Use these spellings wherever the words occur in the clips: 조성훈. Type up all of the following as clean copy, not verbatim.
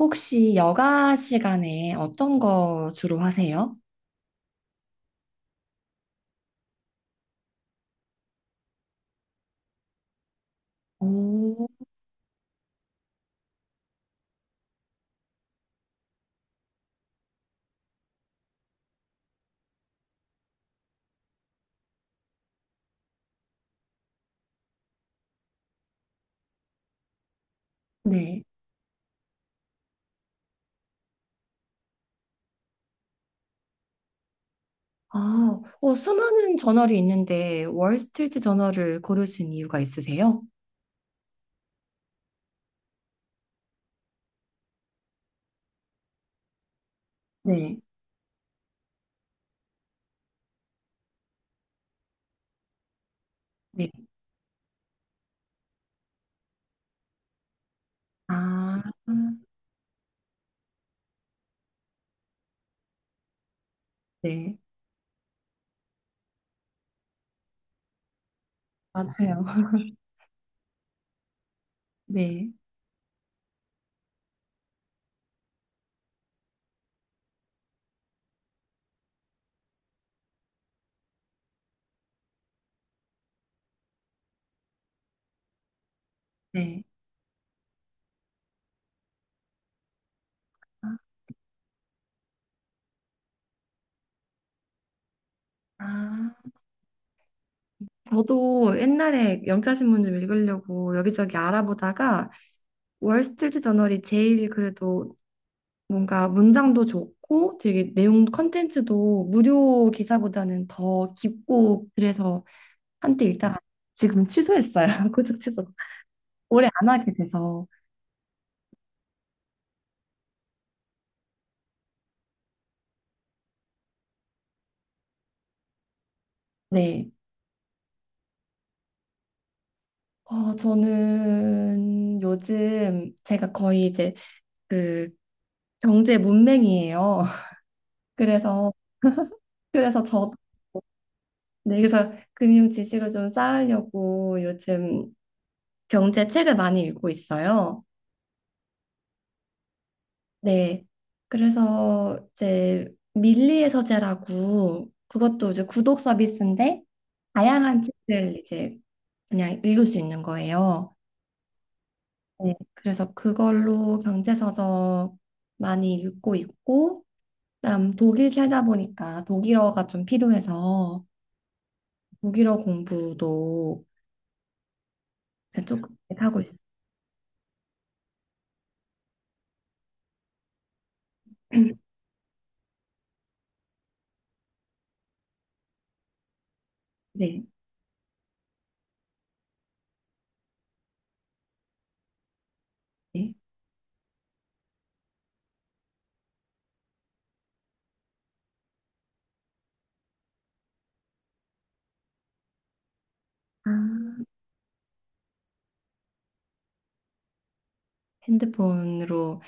혹시 여가 시간에 어떤 거 주로 하세요? 오, 네. 아, 수많은 저널이 있는데 월스트리트 저널을 고르신 이유가 있으세요? 네. 네. 아, 네. 맞아요. 네. 네. 아, 저도 옛날에 영자신문 좀 읽으려고 여기저기 알아보다가 월스트리트 저널이 제일 그래도 뭔가 문장도 좋고 되게 내용 컨텐츠도 무료 기사보다는 더 깊고 그래서 한때 읽다가 지금 취소했어요. 고적 취소. 오래 안 하게 돼서. 네. 저는 요즘 제가 거의 이제 그 경제 문맹이에요. 그래서 그래서 저 네, 그래서 금융 지식을 좀 쌓으려고 요즘 경제 책을 많이 읽고 있어요. 네. 그래서 이제 밀리의 서재라고 그것도 이제 구독 서비스인데 다양한 책을 이제 그냥 읽을 수 있는 거예요. 네. 그래서 그걸로 경제서적 많이 읽고 있고 그다음 독일 살다 보니까 독일어가 좀 필요해서 독일어 공부도 조금씩 하고 있어요. 네. 네. 아, 핸드폰으로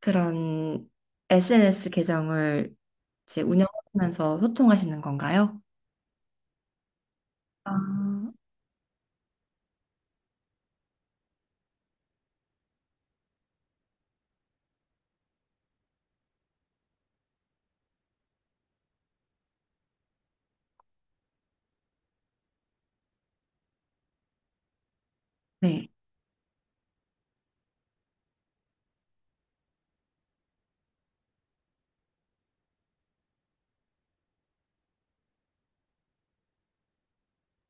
그런 SNS 계정을 이제 운영하면서 소통하시는 건가요? 아, 네.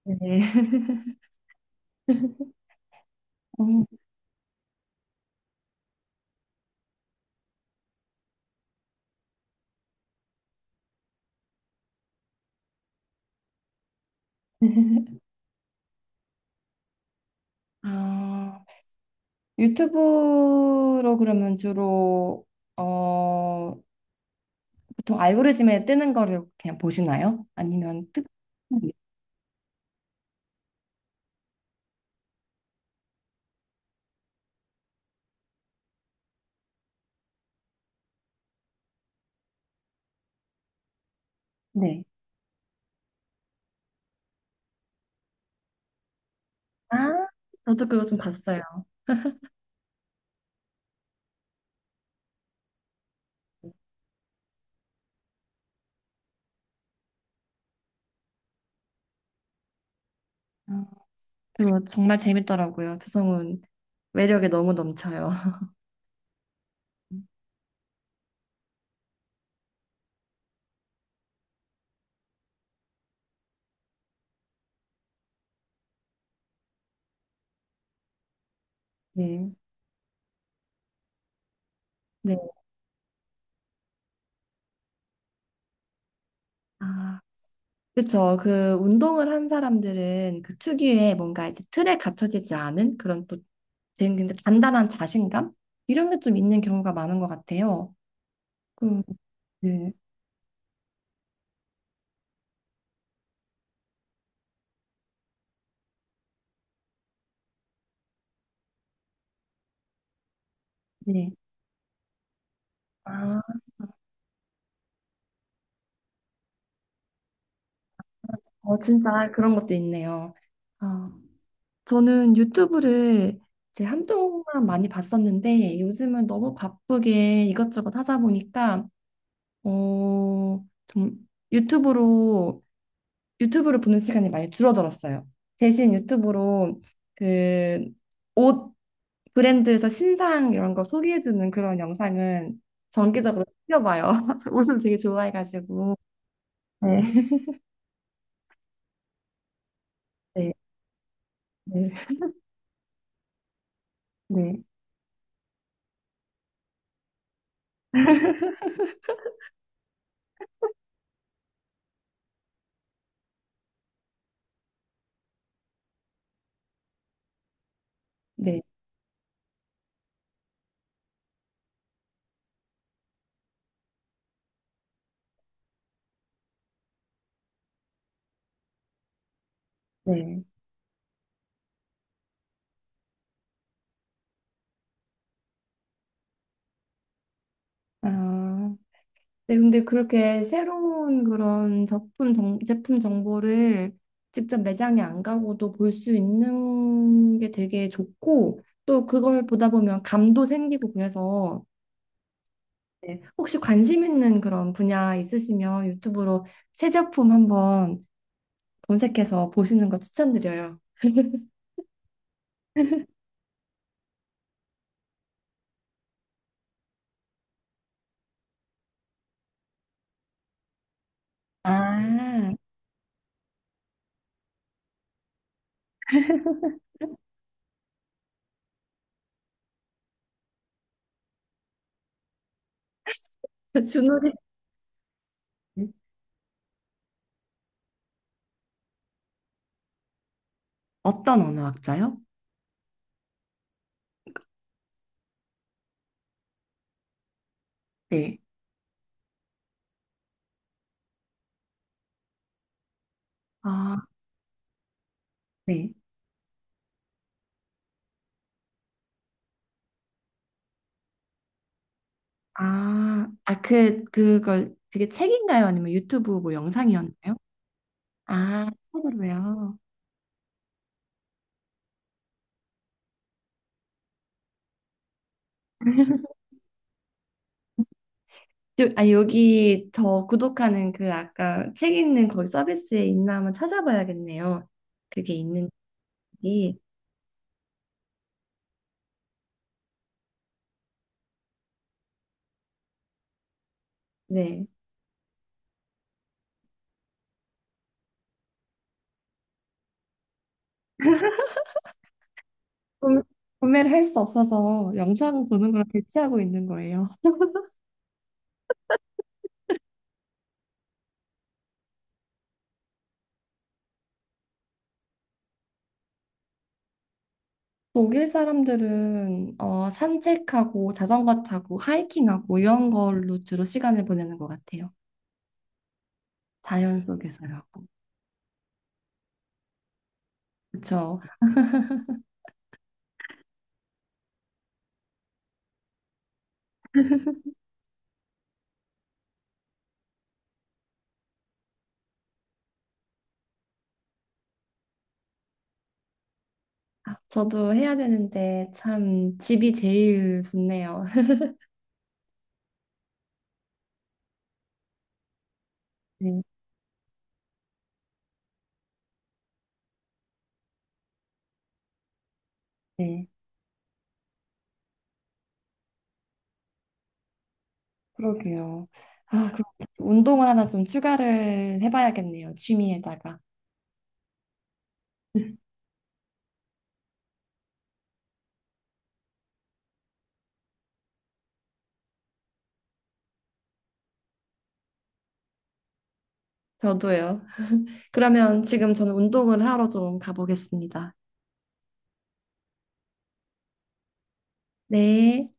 네. 음. 아, 유튜브로 그러면 주로 어, 보통 알고리즘에 뜨는 거를 그냥 보시나요? 아니면 특 네. 아, 저도 그거 좀 봤어요. 아, 그거 정말 재밌더라고요. 조성훈 매력에 너무 넘쳐요. 네. 네. 아. 그쵸. 그 운동을 한 사람들은 그 특유의 뭔가 이제 틀에 갇혀지지 않은 그런 또 되게 근데 단단한 자신감? 이런 게 좀 있는 경우가 많은 것 같아요. 그, 네. 네. 아, 진짜 그런 것도 있네요. 아, 저는 유튜브를 이제 한동안 많이 봤었는데 요즘은 너무 바쁘게 이것저것 하다 보니까 어, 좀 유튜브로 유튜브를 보는 시간이 많이 줄어들었어요. 대신 유튜브로 그 옷 브랜드에서 신상 이런 거 소개해주는 그런 영상은 정기적으로 챙겨봐요. 옷을 되게 좋아해가지고. 네, 네, 네, 네, 네. 네. 아, 네, 근데 그렇게 새로운 그런 제품, 정, 제품 정보를 직접 매장에 안 가고도 볼 수 있는 게 되게 좋고, 또 그걸 보다 보면 감도 생기고 그래서 네. 혹시 관심 있는 그런 분야 있으시면 유튜브로 새 제품 한번 검색해서 보시는 거 추천드려요. 아, 저 준우리. 네. 어떤 언어학자요? 네. 아, 네. 아, 아, 그, 그걸 되게 책인가요? 아니면 유튜브 뭐 영상이었나요? 아, 책으로요. 요- 아, 여기 저 구독하는 그 아까 책 있는 거기 서비스에 있나 한번 찾아봐야겠네요. 그게 있는지. 네. 구매- 구매를 할 수 없어서 영상 보는 걸 대체하고 있는 거예요. 독일 사람들은 산책하고 자전거 타고 하이킹하고 이런 걸로 주로 시간을 보내는 것 같아요. 자연 속에서라고. 그렇죠. 저도 해야 되는데 참 집이 제일 좋네요. 네, 네, 그러게요. 아, 그럼 운동을 하나 좀 추가를 해봐야겠네요. 취미에다가. 저도요. 그러면 지금 저는 운동을 하러 좀 가보겠습니다. 네.